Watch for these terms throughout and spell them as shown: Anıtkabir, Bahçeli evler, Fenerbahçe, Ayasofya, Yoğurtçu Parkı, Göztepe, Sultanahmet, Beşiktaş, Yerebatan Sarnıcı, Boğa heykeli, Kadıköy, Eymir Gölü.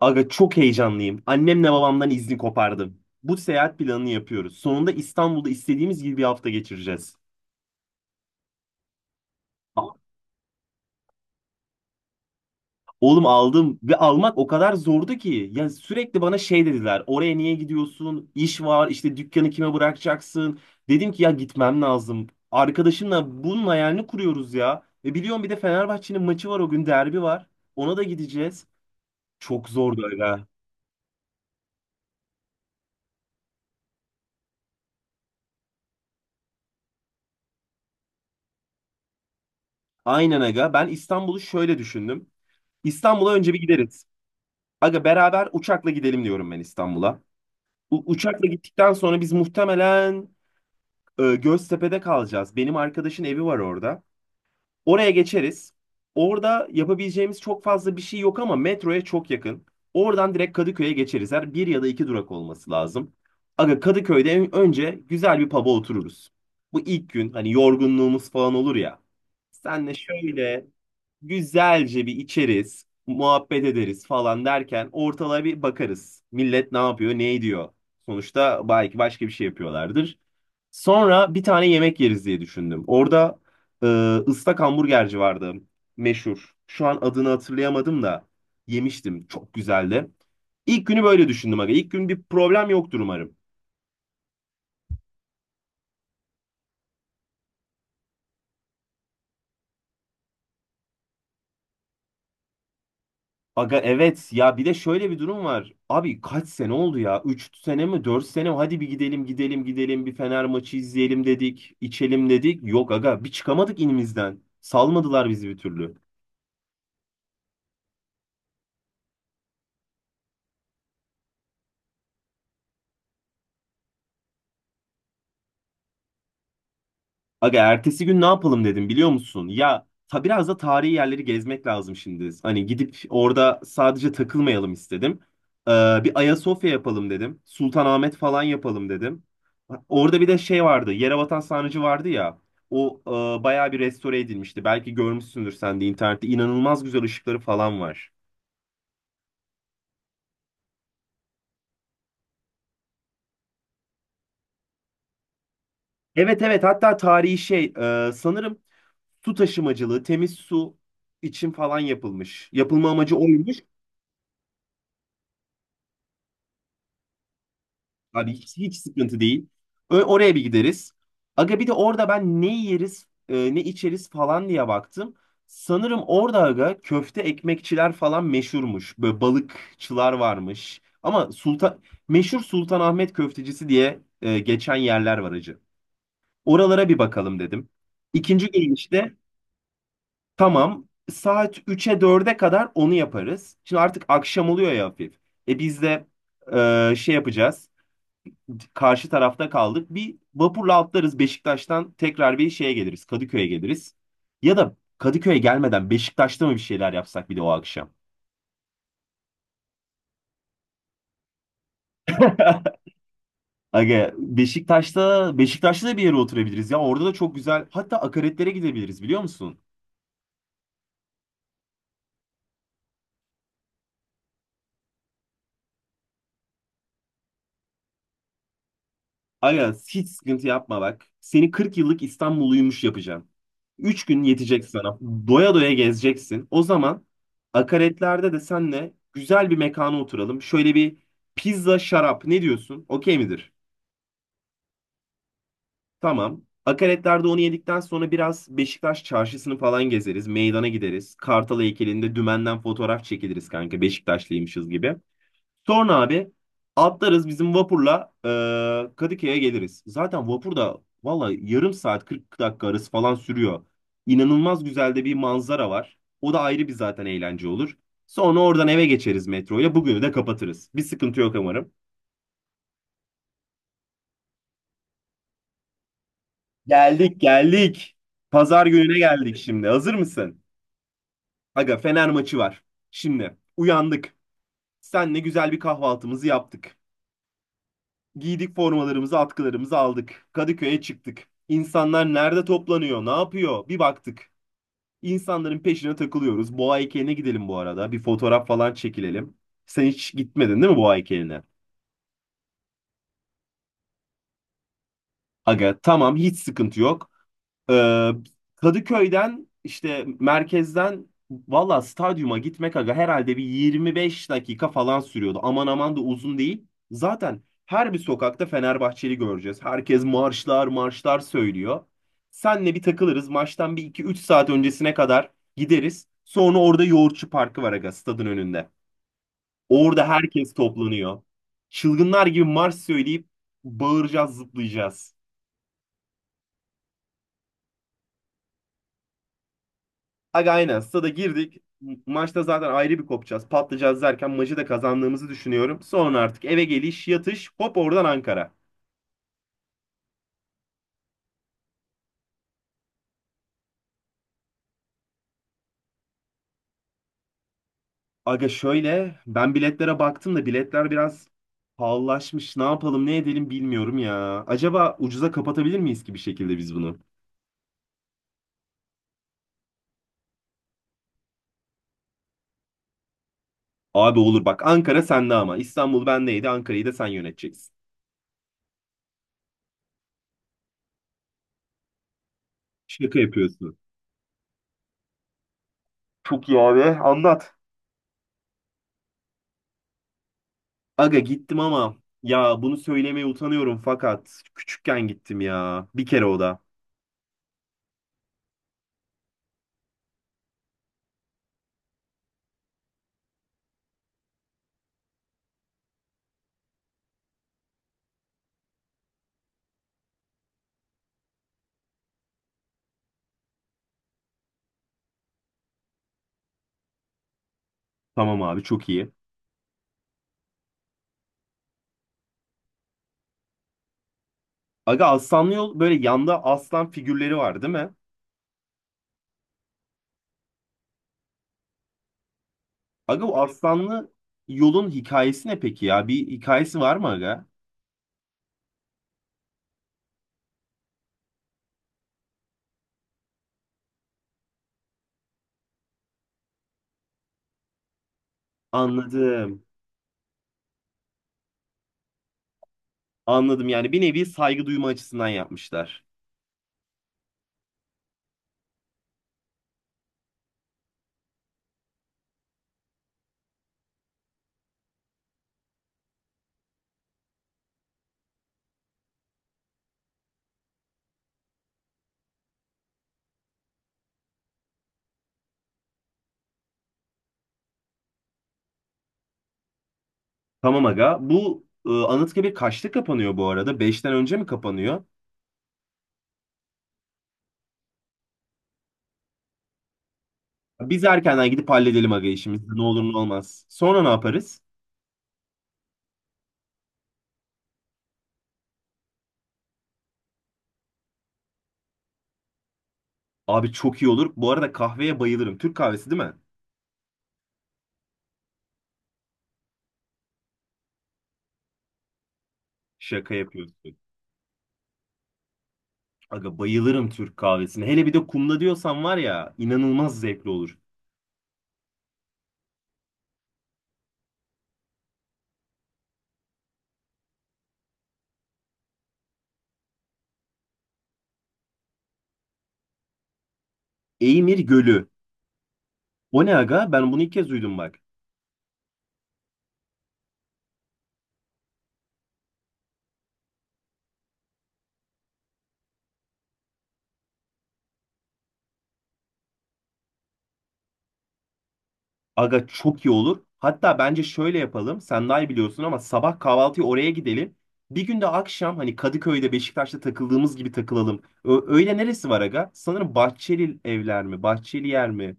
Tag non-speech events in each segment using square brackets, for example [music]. Aga çok heyecanlıyım. Annemle babamdan izni kopardım. Bu seyahat planını yapıyoruz. Sonunda İstanbul'da istediğimiz gibi bir hafta geçireceğiz. A- Oğlum aldım ve almak o kadar zordu ki. Ya sürekli bana şey dediler. Oraya niye gidiyorsun? İş var, işte dükkanı kime bırakacaksın? Dedim ki ya gitmem lazım. Arkadaşımla bunun hayalini kuruyoruz ya. Ve biliyorum bir de Fenerbahçe'nin maçı var o gün derbi var. Ona da gideceğiz. Çok zordu aga. Aynen aga. Ben İstanbul'u şöyle düşündüm. İstanbul'a önce bir gideriz. Aga beraber uçakla gidelim diyorum ben İstanbul'a. Uçakla gittikten sonra biz muhtemelen Göztepe'de kalacağız. Benim arkadaşın evi var orada. Oraya geçeriz. Orada yapabileceğimiz çok fazla bir şey yok ama metroya çok yakın. Oradan direkt Kadıköy'e geçeriz. Her bir ya da iki durak olması lazım. Aga Kadıköy'de önce güzel bir pub'a otururuz. Bu ilk gün hani yorgunluğumuz falan olur ya. Senle şöyle güzelce bir içeriz, muhabbet ederiz falan derken ortalığa bir bakarız. Millet ne yapıyor, ne ediyor? Sonuçta belki başka bir şey yapıyorlardır. Sonra bir tane yemek yeriz diye düşündüm. Orada ee, ıslak hamburgerci vardı. Meşhur. Şu an adını hatırlayamadım da yemiştim. Çok güzeldi. İlk günü böyle düşündüm aga. İlk gün bir problem yoktur umarım. Aga evet ya bir de şöyle bir durum var. Abi kaç sene oldu ya? 3 sene mi, dört sene mi? Hadi bir gidelim bir Fener maçı izleyelim dedik. İçelim dedik. Yok aga bir çıkamadık inimizden. Salmadılar bizi bir türlü. Aga ertesi gün ne yapalım dedim biliyor musun? Biraz da tarihi yerleri gezmek lazım şimdi. Hani gidip orada sadece takılmayalım istedim. Ee, Bir Ayasofya yapalım dedim. Sultanahmet falan yapalım dedim. Orada bir de şey vardı. Yerebatan Sarnıcı vardı ya. O bayağı bir restore edilmişti. Belki görmüşsündür sen de internette. İnanılmaz güzel ışıkları falan var. Evet evet, hatta tarihi şey, sanırım su taşımacılığı, temiz su için falan yapılmış. Yapılma amacı oymuş. Abi hiç sıkıntı değil. Oraya bir gideriz. Aga bir de orada ben ne yeriz, ne içeriz falan diye baktım. Sanırım orada aga köfte ekmekçiler falan meşhurmuş. Böyle balıkçılar varmış. Ama meşhur Sultanahmet köftecisi diye geçen yerler var acı. Oralara bir bakalım dedim. İkinci gün işte tamam saat üç'e dörde kadar onu yaparız. Şimdi artık akşam oluyor ya hafif. E biz de şey yapacağız, karşı tarafta kaldık. Bir vapurla atlarız Beşiktaş'tan tekrar bir şeye geliriz. Kadıköy'e geliriz. Ya da Kadıköy'e gelmeden Beşiktaş'ta mı bir şeyler yapsak bir de o akşam? [laughs] Aga Beşiktaş'ta da bir yere oturabiliriz ya. Orada da çok güzel. Hatta akaretlere gidebiliriz biliyor musun? Aga hiç sıkıntı yapma bak. Seni 40 yıllık İstanbulluymuş yapacağım. 3 gün yetecek sana. Doya doya gezeceksin. O zaman akaretlerde de senle güzel bir mekana oturalım. Şöyle bir pizza, şarap, ne diyorsun? Okey midir? Tamam. Akaretlerde onu yedikten sonra biraz Beşiktaş çarşısını falan gezeriz. Meydana gideriz. Kartal heykelinde dümenden fotoğraf çekiliriz kanka. Beşiktaşlıymışız gibi. Sonra abi atlarız bizim vapurla, Kadıköy'e geliriz. Zaten vapur da valla yarım saat 40 dakika arası falan sürüyor. İnanılmaz güzel de bir manzara var. O da ayrı bir zaten eğlence olur. Sonra oradan eve geçeriz metroyla. Bugünü de kapatırız. Bir sıkıntı yok umarım. Geldik geldik. Pazar gününe geldik şimdi. Hazır mısın? Aga Fener maçı var. Şimdi uyandık. Senle güzel bir kahvaltımızı yaptık. Giydik formalarımızı, atkılarımızı aldık. Kadıköy'e çıktık. İnsanlar nerede toplanıyor, ne yapıyor? Bir baktık. İnsanların peşine takılıyoruz. Boğa heykeline gidelim bu arada. Bir fotoğraf falan çekilelim. Sen hiç gitmedin değil mi Boğa heykeline? Aga tamam hiç sıkıntı yok. Ee, Kadıköy'den işte merkezden valla stadyuma gitmek aga herhalde bir 25 dakika falan sürüyordu. Aman aman da uzun değil. Zaten her bir sokakta Fenerbahçeli göreceğiz. Herkes marşlar söylüyor. Senle bir takılırız. Maçtan bir iki üç saat öncesine kadar gideriz. Sonra orada Yoğurtçu Parkı var aga stadın önünde. Orada herkes toplanıyor. Çılgınlar gibi marş söyleyip bağıracağız, zıplayacağız. Aga aynen stada girdik. Maçta zaten ayrı bir kopacağız. Patlayacağız derken maçı da kazandığımızı düşünüyorum. Sonra artık eve geliş, yatış, hop oradan Ankara. Aga şöyle ben biletlere baktım da biletler biraz pahalılaşmış. Ne yapalım ne edelim bilmiyorum ya. Acaba ucuza kapatabilir miyiz ki bir şekilde biz bunu? Abi olur bak, Ankara sende ama. İstanbul bendeydi, Ankara'yı da sen yöneteceksin. Şaka yapıyorsun. Çok iyi abi anlat. Aga gittim ama ya bunu söylemeye utanıyorum, fakat küçükken gittim ya. Bir kere o da. Tamam abi çok iyi. Aga aslanlı yol böyle yanda aslan figürleri var değil mi? Aga bu aslanlı yolun hikayesi ne peki ya? Bir hikayesi var mı aga? Anladım. Anladım, yani bir nevi saygı duyma açısından yapmışlar. Tamam aga. Bu Anıtkabir kaçta kapanıyor bu arada? Beşten önce mi kapanıyor? Biz erkenden gidip halledelim aga işimizi. Ne olur ne olmaz. Sonra ne yaparız? Abi çok iyi olur. Bu arada kahveye bayılırım. Türk kahvesi değil mi? Şaka yapıyorsun. Aga bayılırım Türk kahvesine. Hele bir de kumda diyorsan var ya inanılmaz zevkli olur. Eymir Gölü. O ne aga? Ben bunu ilk kez duydum bak. Aga çok iyi olur. Hatta bence şöyle yapalım. Sen daha iyi biliyorsun ama sabah kahvaltıya oraya gidelim. Bir gün de akşam hani Kadıköy'de Beşiktaş'ta takıldığımız gibi takılalım. Öyle neresi var aga? Sanırım Bahçeli evler mi? Bahçeli yer mi?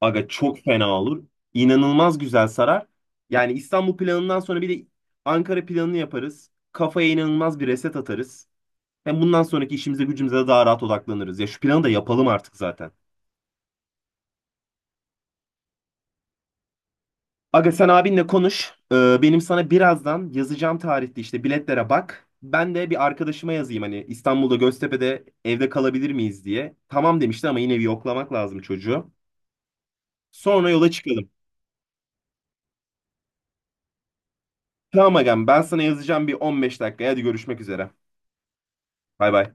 Aga çok fena olur. İnanılmaz güzel sarar. Yani İstanbul planından sonra bir de Ankara planını yaparız. Kafaya inanılmaz bir reset atarız. Hem bundan sonraki işimize gücümüze de daha rahat odaklanırız. Ya şu planı da yapalım artık zaten. Aga sen abinle konuş. Benim sana birazdan yazacağım tarihte işte biletlere bak. Ben de bir arkadaşıma yazayım hani İstanbul'da Göztepe'de evde kalabilir miyiz diye. Tamam demişti ama yine bir yoklamak lazım çocuğu. Sonra yola çıkalım. Tamam agam, ben sana yazacağım bir 15 dakika. Hadi görüşmek üzere. Bay bay.